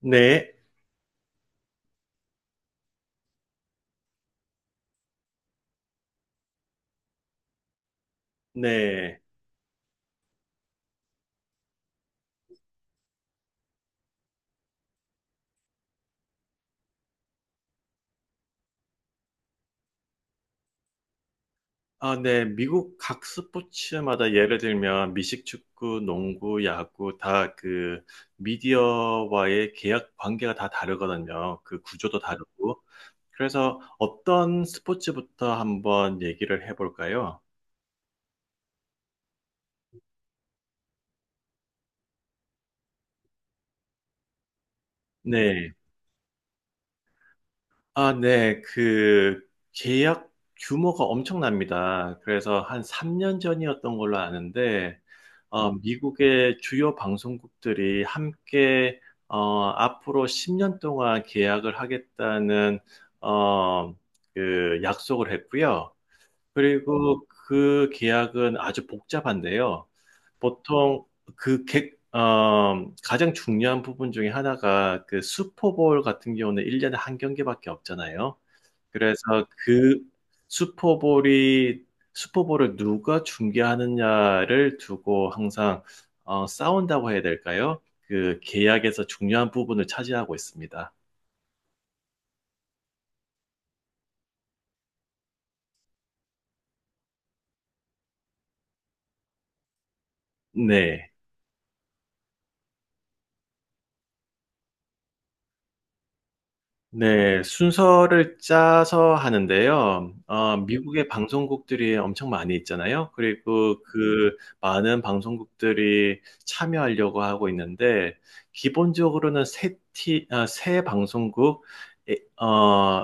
네, 네. 아, 네. 미국 각 스포츠마다 예를 들면 미식 축구, 농구, 야구 다 그 미디어와의 계약 관계가 다 다르거든요. 그 구조도 다르고. 그래서 어떤 스포츠부터 한번 얘기를 해볼까요? 네. 아, 네. 그 계약 규모가 엄청납니다. 그래서 한 3년 전이었던 걸로 아는데, 미국의 주요 방송국들이 함께 앞으로 10년 동안 계약을 하겠다는 어, 그 약속을 했고요. 그리고 그 계약은 아주 복잡한데요. 보통 가장 중요한 부분 중에 하나가 그 슈퍼볼 같은 경우는 1년에 한 경기밖에 없잖아요. 그래서 그 슈퍼볼이 슈퍼볼을 누가 중계하느냐를 두고 항상 싸운다고 해야 될까요? 그 계약에서 중요한 부분을 차지하고 있습니다. 네. 네, 순서를 짜서 하는데요. 네. 미국의 방송국들이 엄청 많이 있잖아요. 그리고 그 많은 방송국들이 참여하려고 하고 있는데, 기본적으로는 세 방송국, 에, 어,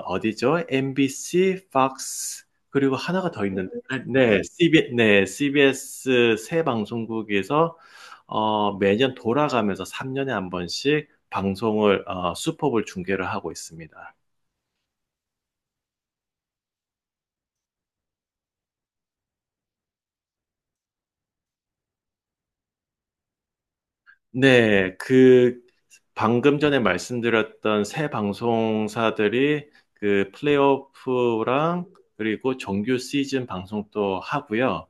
어디죠? MBC, Fox, 그리고 하나가 더 있는데, 아, 네, CBS 세 방송국에서 매년 돌아가면서 3년에 한 번씩 방송을 어, 수법을 중계를 하고 있습니다. 네, 그 방금 전에 말씀드렸던 새 방송사들이 그 플레이오프랑 그리고 정규 시즌 방송도 하고요.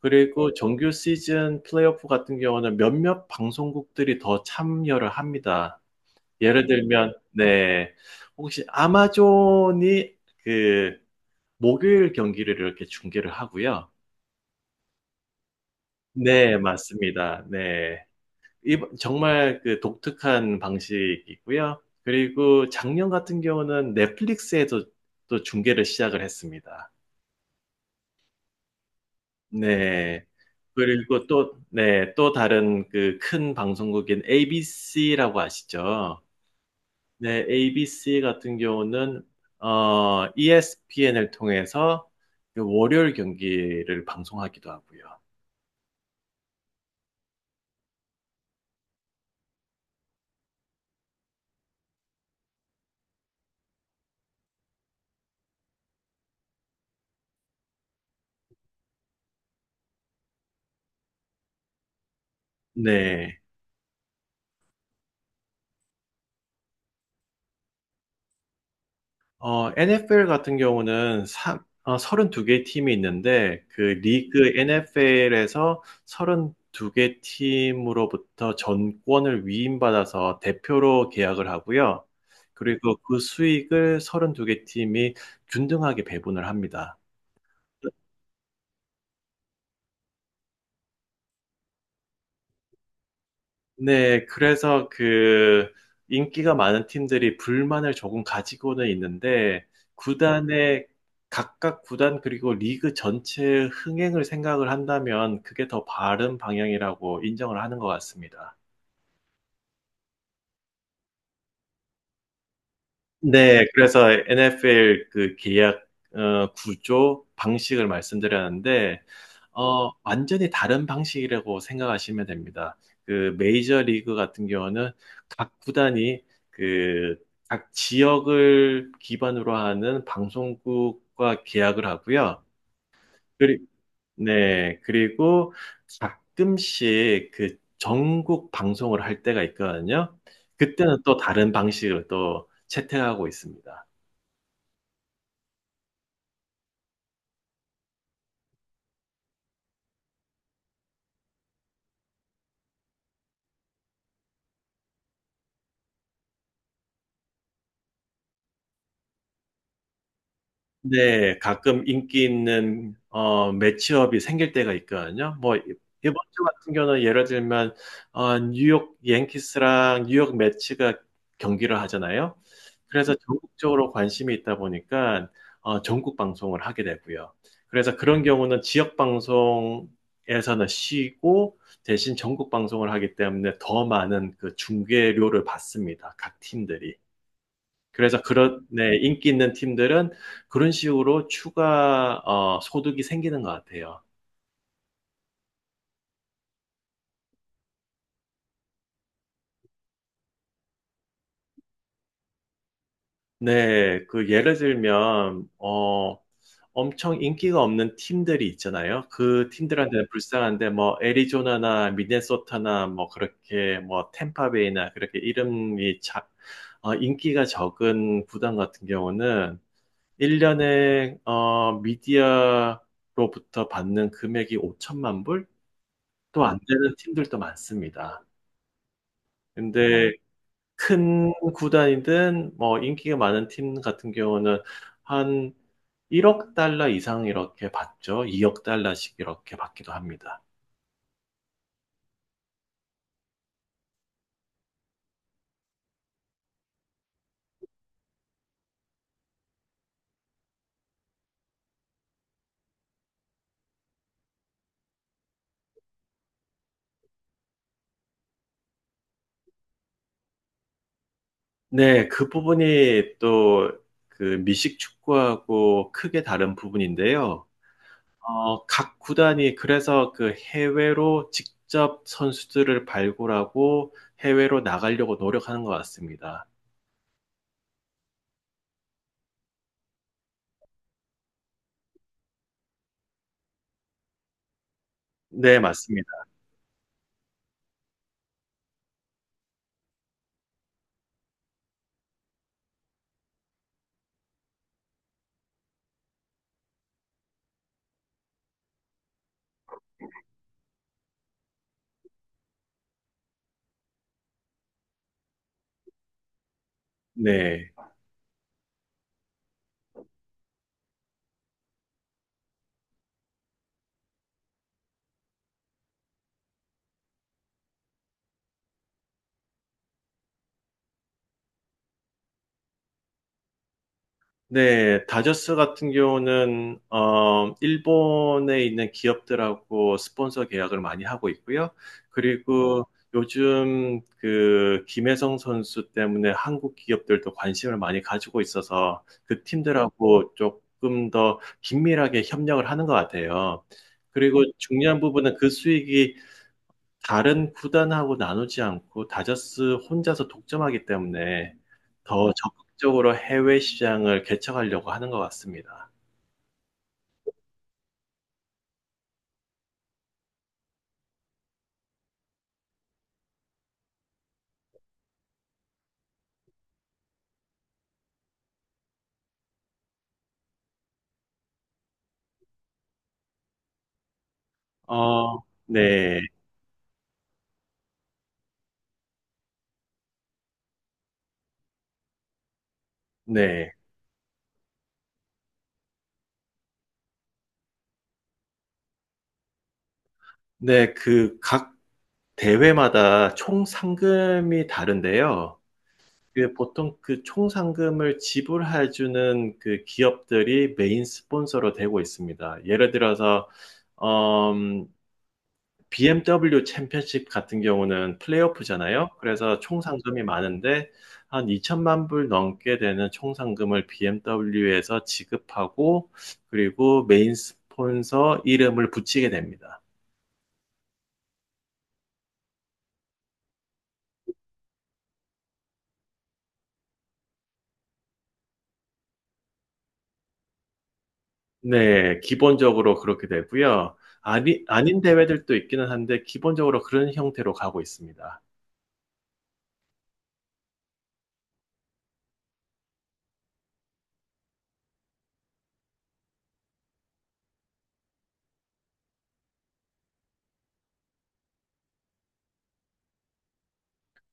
그리고 정규 시즌 플레이오프 같은 경우는 몇몇 방송국들이 더 참여를 합니다. 예를 들면, 네, 혹시 아마존이 그 목요일 경기를 이렇게 중계를 하고요. 네, 맞습니다. 네. 정말 그 독특한 방식이고요. 그리고 작년 같은 경우는 넷플릭스에도 또 중계를 시작을 했습니다. 네. 그리고 또, 네, 또 다른 그 큰 방송국인 ABC라고 아시죠? 네, ABC 같은 경우는 ESPN을 통해서 그 월요일 경기를 방송하기도 하고요. 네. NFL 같은 경우는 32개 팀이 있는데, 그 리그 NFL에서 32개 팀으로부터 전권을 위임받아서 대표로 계약을 하고요. 그리고 그 수익을 32개 팀이 균등하게 배분을 합니다. 네, 그래서 그 인기가 많은 팀들이 불만을 조금 가지고는 있는데 구단의 각각 구단 그리고 리그 전체의 흥행을 생각을 한다면 그게 더 바른 방향이라고 인정을 하는 것 같습니다. 네. 그래서 NFL 그 계약 구조 방식을 말씀드렸는데 완전히 다른 방식이라고 생각하시면 됩니다. 그 메이저 리그 같은 경우는 각 구단이 그 각 지역을 기반으로 하는 방송국과 계약을 하고요. 그리 네. 그리고 가끔씩 그 전국 방송을 할 때가 있거든요. 그때는 또 다른 방식을 또 채택하고 있습니다. 네, 가끔 인기 있는 매치업이 생길 때가 있거든요. 뭐 이번 주 같은 경우는 예를 들면 뉴욕 양키스랑 뉴욕 매치가 경기를 하잖아요. 그래서 전국적으로 관심이 있다 보니까 전국 방송을 하게 되고요. 그래서 그런 경우는 지역 방송에서는 쉬고 대신 전국 방송을 하기 때문에 더 많은 그 중계료를 받습니다. 각 팀들이. 그래서 그런 네, 인기 있는 팀들은 그런 식으로 추가 소득이 생기는 것 같아요. 네, 그 예를 들면 엄청 인기가 없는 팀들이 있잖아요. 그 팀들한테는 불쌍한데 뭐 애리조나나 미네소타나 뭐 그렇게 뭐 템파베이나 그렇게 인기가 적은 구단 같은 경우는 1년에 미디어로부터 받는 금액이 5천만 불? 또 안 되는 팀들도 많습니다. 네. 근데 큰 구단이든 뭐 인기가 많은 팀 같은 경우는 한 1억 달러 이상 이렇게 받죠. 2억 달러씩 이렇게 받기도 합니다. 네, 그 부분이 또 그 미식 축구하고 크게 다른 부분인데요. 각 구단이 그래서 그 해외로 직접 선수들을 발굴하고 해외로 나가려고 노력하는 것 같습니다. 네, 맞습니다. 네. 네, 다저스 같은 경우는 일본에 있는 기업들하고 스폰서 계약을 많이 하고 있고요. 그리고 요즘 그 김혜성 선수 때문에 한국 기업들도 관심을 많이 가지고 있어서 그 팀들하고 조금 더 긴밀하게 협력을 하는 것 같아요. 그리고 중요한 부분은 그 수익이 다른 구단하고 나누지 않고 다저스 혼자서 독점하기 때문에 더 적극적으로 해외 시장을 개척하려고 하는 것 같습니다. 어, 네, 네, 네, 그 각 대회마다 총 상금이 다른데요. 그 보통 그 총 상금을 지불해주는 그 기업들이 메인 스폰서로 되고 있습니다. 예를 들어서 음, BMW 챔피언십 같은 경우는 플레이오프잖아요. 그래서 총 상금이 많은데 한 2천만 불 넘게 되는 총 상금을 BMW에서 지급하고 그리고 메인 스폰서 이름을 붙이게 됩니다. 네, 기본적으로 그렇게 되고요. 아니, 아닌 대회들도 있기는 한데 기본적으로 그런 형태로 가고 있습니다.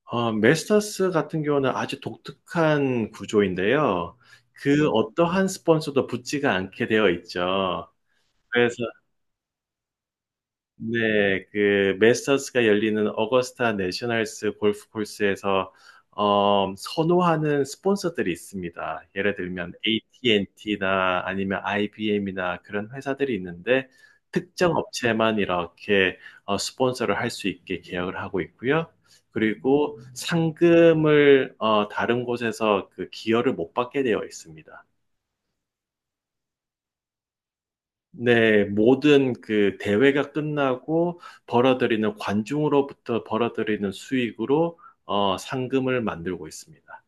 메스터스 같은 경우는 아주 독특한 구조인데요. 그 어떠한 스폰서도 붙지가 않게 되어 있죠. 그래서 네, 그 메스터스가 열리는 어거스타 내셔널스 골프 코스에서 선호하는 스폰서들이 있습니다. 예를 들면 AT&T나 아니면 IBM이나 그런 회사들이 있는데 특정 업체만 이렇게 스폰서를 할 수 있게 계약을 하고 있고요. 그리고 상금을 다른 곳에서 그 기여를 못 받게 되어 있습니다. 네, 모든 그 대회가 끝나고 벌어들이는 관중으로부터 벌어들이는 수익으로 상금을 만들고 있습니다.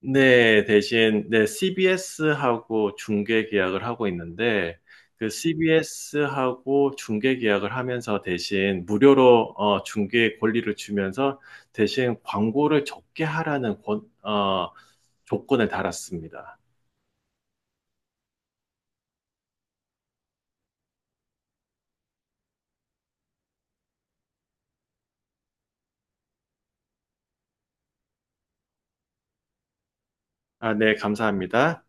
네, 대신 네, CBS하고 중계 계약을 하고 있는데 그 CBS하고 중계 계약을 하면서 대신 무료로 중계 권리를 주면서 대신 광고를 적게 하라는 조건을 달았습니다. 아, 네, 감사합니다.